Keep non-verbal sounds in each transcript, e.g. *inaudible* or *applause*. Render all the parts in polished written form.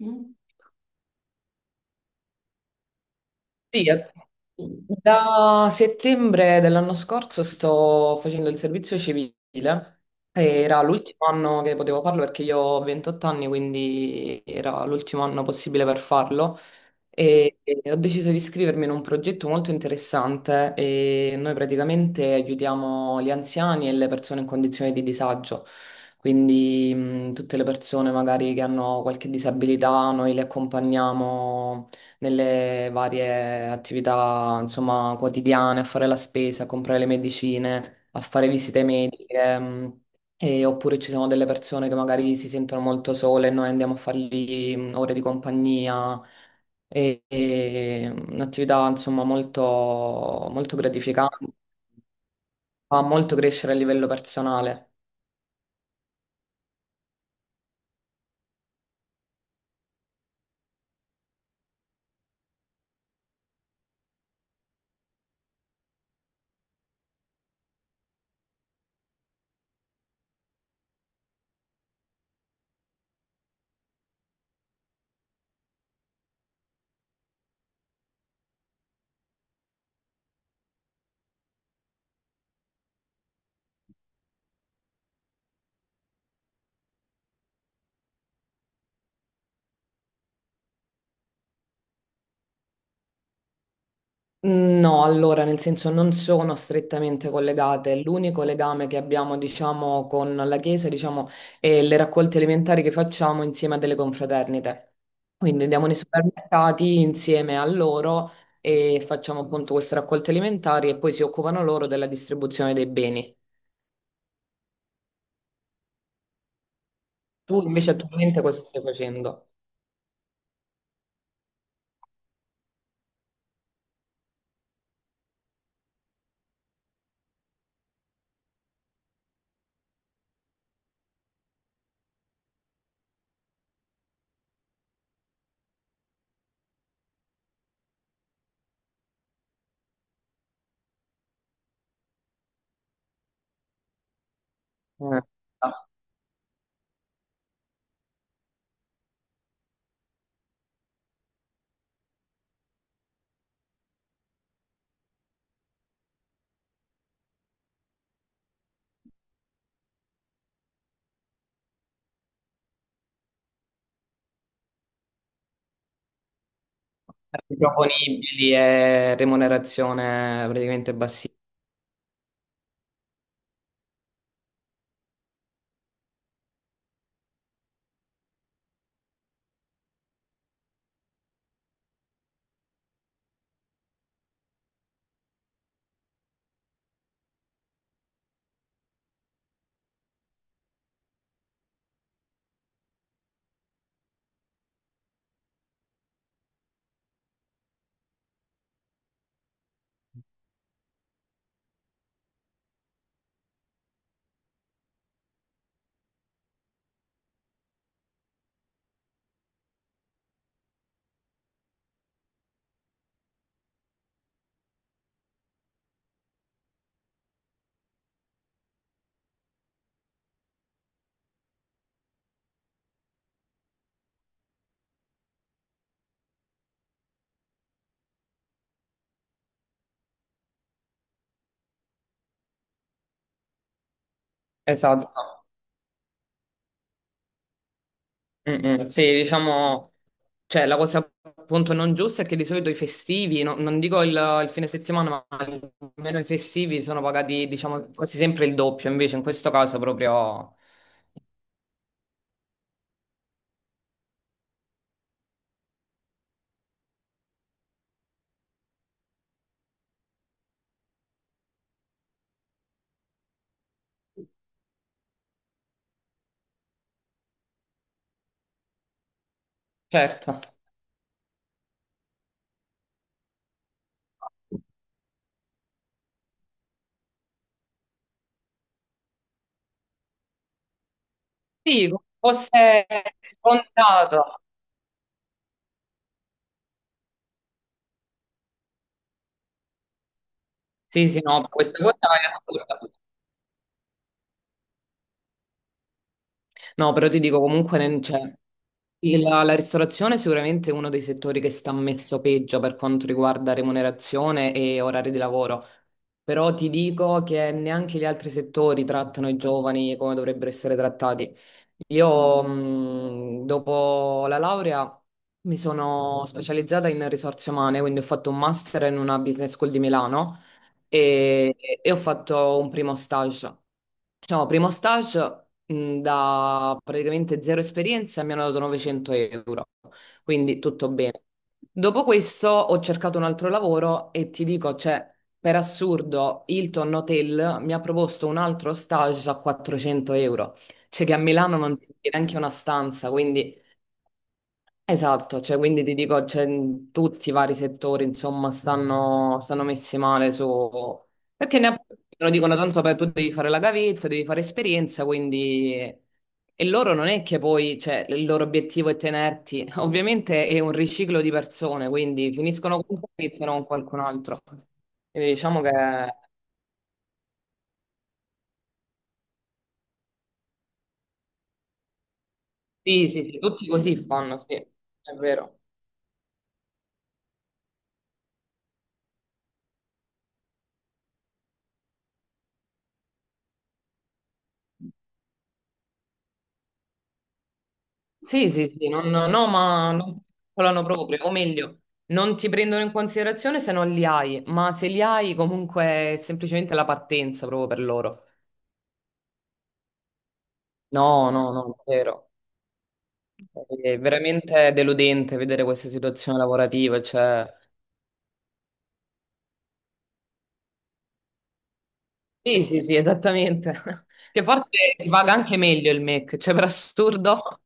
Mm. Sì, da settembre dell'anno scorso sto facendo il servizio civile. Era l'ultimo anno che potevo farlo perché io ho 28 anni, quindi era l'ultimo anno possibile per farlo. E ho deciso di iscrivermi in un progetto molto interessante e noi praticamente aiutiamo gli anziani e le persone in condizioni di disagio, quindi tutte le persone magari che hanno qualche disabilità, noi le accompagniamo nelle varie attività, insomma, quotidiane, a fare la spesa, a comprare le medicine, a fare visite mediche. Mh. Oppure ci sono delle persone che magari si sentono molto sole e noi andiamo a fargli ore di compagnia. E un'attività insomma molto, molto gratificante, fa molto crescere a livello personale. No, allora, nel senso non sono strettamente collegate. L'unico legame che abbiamo, diciamo, con la Chiesa, diciamo, è le raccolte elementari che facciamo insieme a delle confraternite. Quindi andiamo nei supermercati insieme a loro e facciamo appunto queste raccolte elementari e poi si occupano loro della distribuzione dei beni. Tu invece attualmente cosa stai facendo? Eh, proponibili e remunerazione praticamente bassissima. Esatto. Mm, mm, sì, diciamo, cioè la cosa appunto non giusta è che di solito i festivi, non dico il fine settimana, ma almeno i festivi sono pagati, diciamo, quasi sempre il doppio, invece in questo caso proprio, certo. Sì, come fosse contato. Sì, sì, no, questa cosa è assurda. No, però ti dico comunque, non c'è. Sì, la ristorazione è sicuramente uno dei settori che sta messo peggio per quanto riguarda remunerazione e orari di lavoro, però ti dico che neanche gli altri settori trattano i giovani come dovrebbero essere trattati. Io, dopo la laurea, mi sono specializzata in risorse umane, quindi ho fatto un master in una business school di Milano e, e ho fatto un primo stage. Diciamo, primo stage da praticamente zero esperienza mi hanno dato 900 euro, quindi tutto bene. Dopo questo ho cercato un altro lavoro e ti dico, cioè, per assurdo, Hilton Hotel mi ha proposto un altro stage a 400 euro, cioè che a Milano non ti viene neanche una stanza, quindi esatto, cioè, quindi ti dico, cioè, in tutti i vari settori, insomma, stanno messi male su... Perché ne approfittano, dicono tanto per tu devi fare la gavetta, devi fare esperienza, quindi... E loro non è che poi, cioè, il loro obiettivo è tenerti, *laughs* ovviamente è un riciclo di persone, quindi finiscono con te e iniziano con qualcun altro. Quindi diciamo che sì, sì, sì, tutti così fanno, sì, è vero. Sì, sì, sì, no, ma non calcolano proprio, o meglio, non ti prendono in considerazione se non li hai, ma se li hai comunque è semplicemente la partenza proprio per loro. No, no, no, è vero. È veramente deludente vedere questa situazione lavorativa, cioè... Sì, sì, sì, esattamente. *laughs* Che forse si paga anche meglio il MEC, cioè per assurdo.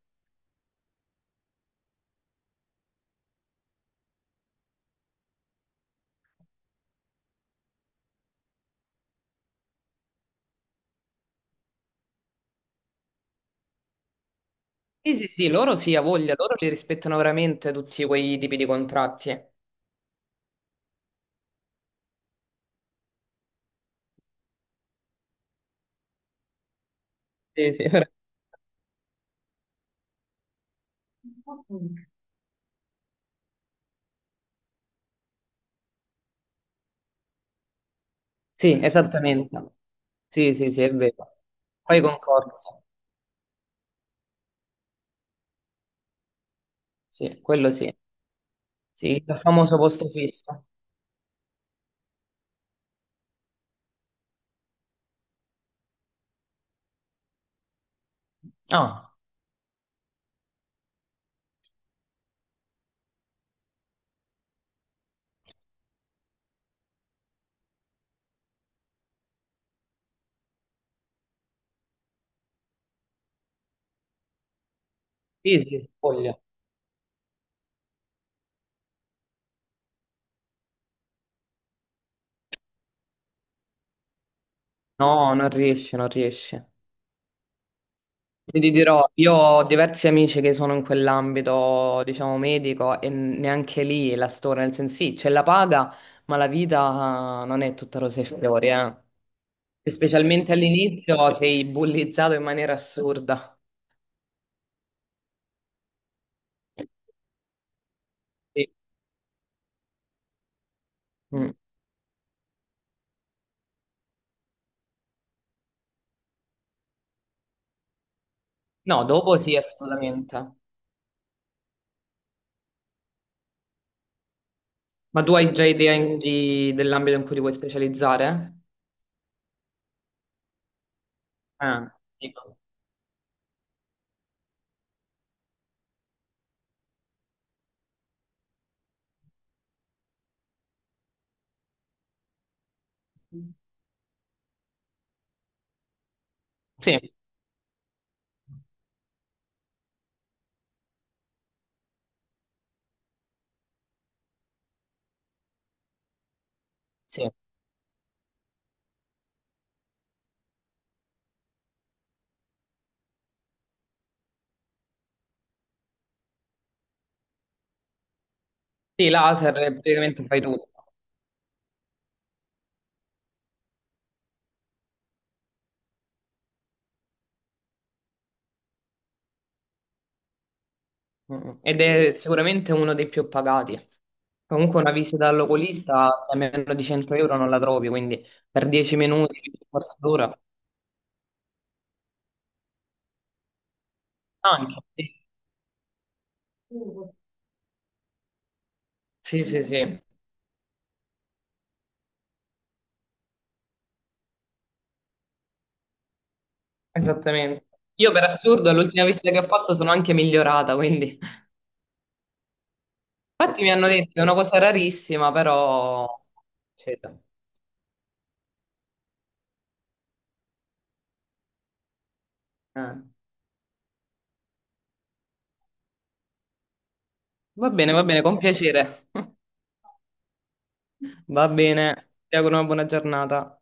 Sì, sì, sì, loro sì, a voglia, loro li rispettano veramente tutti quei tipi di contratti. Sì, sì, *laughs* sì, esattamente. Sì, sì, sì, è vero. Poi concorso. Sì, quello sì. Sì, il famoso posto fisso. Ah, sì, sì, voglio. No, non riesce, non riesce. Ti dirò, io ho diversi amici che sono in quell'ambito, diciamo, medico e neanche lì la storia, nel senso sì, c'è la paga, ma la vita non è tutta rose e fiori, eh. E specialmente all'inizio sei bullizzato in maniera assurda. Sì. Mm. No, dopo sì, assolutamente. Ma tu hai già idea dell'ambito in cui ti vuoi specializzare? Ah, dico. Sì, sì. Sì, laser praticamente fai tutto. Mm. Ed è sicuramente uno dei più pagati. Comunque una visita all'oculista a meno di 100 euro non la trovi, quindi per 10 minuti, un quarto d'ora. Anche, sì. Sì, sì, sì, esattamente. Io per assurdo all'ultima visita che ho fatto sono anche migliorata, quindi... Infatti mi hanno detto che è una cosa rarissima, però... Sì, dai. Eh. Va bene, con piacere. *laughs* Va bene, ti auguro una buona giornata.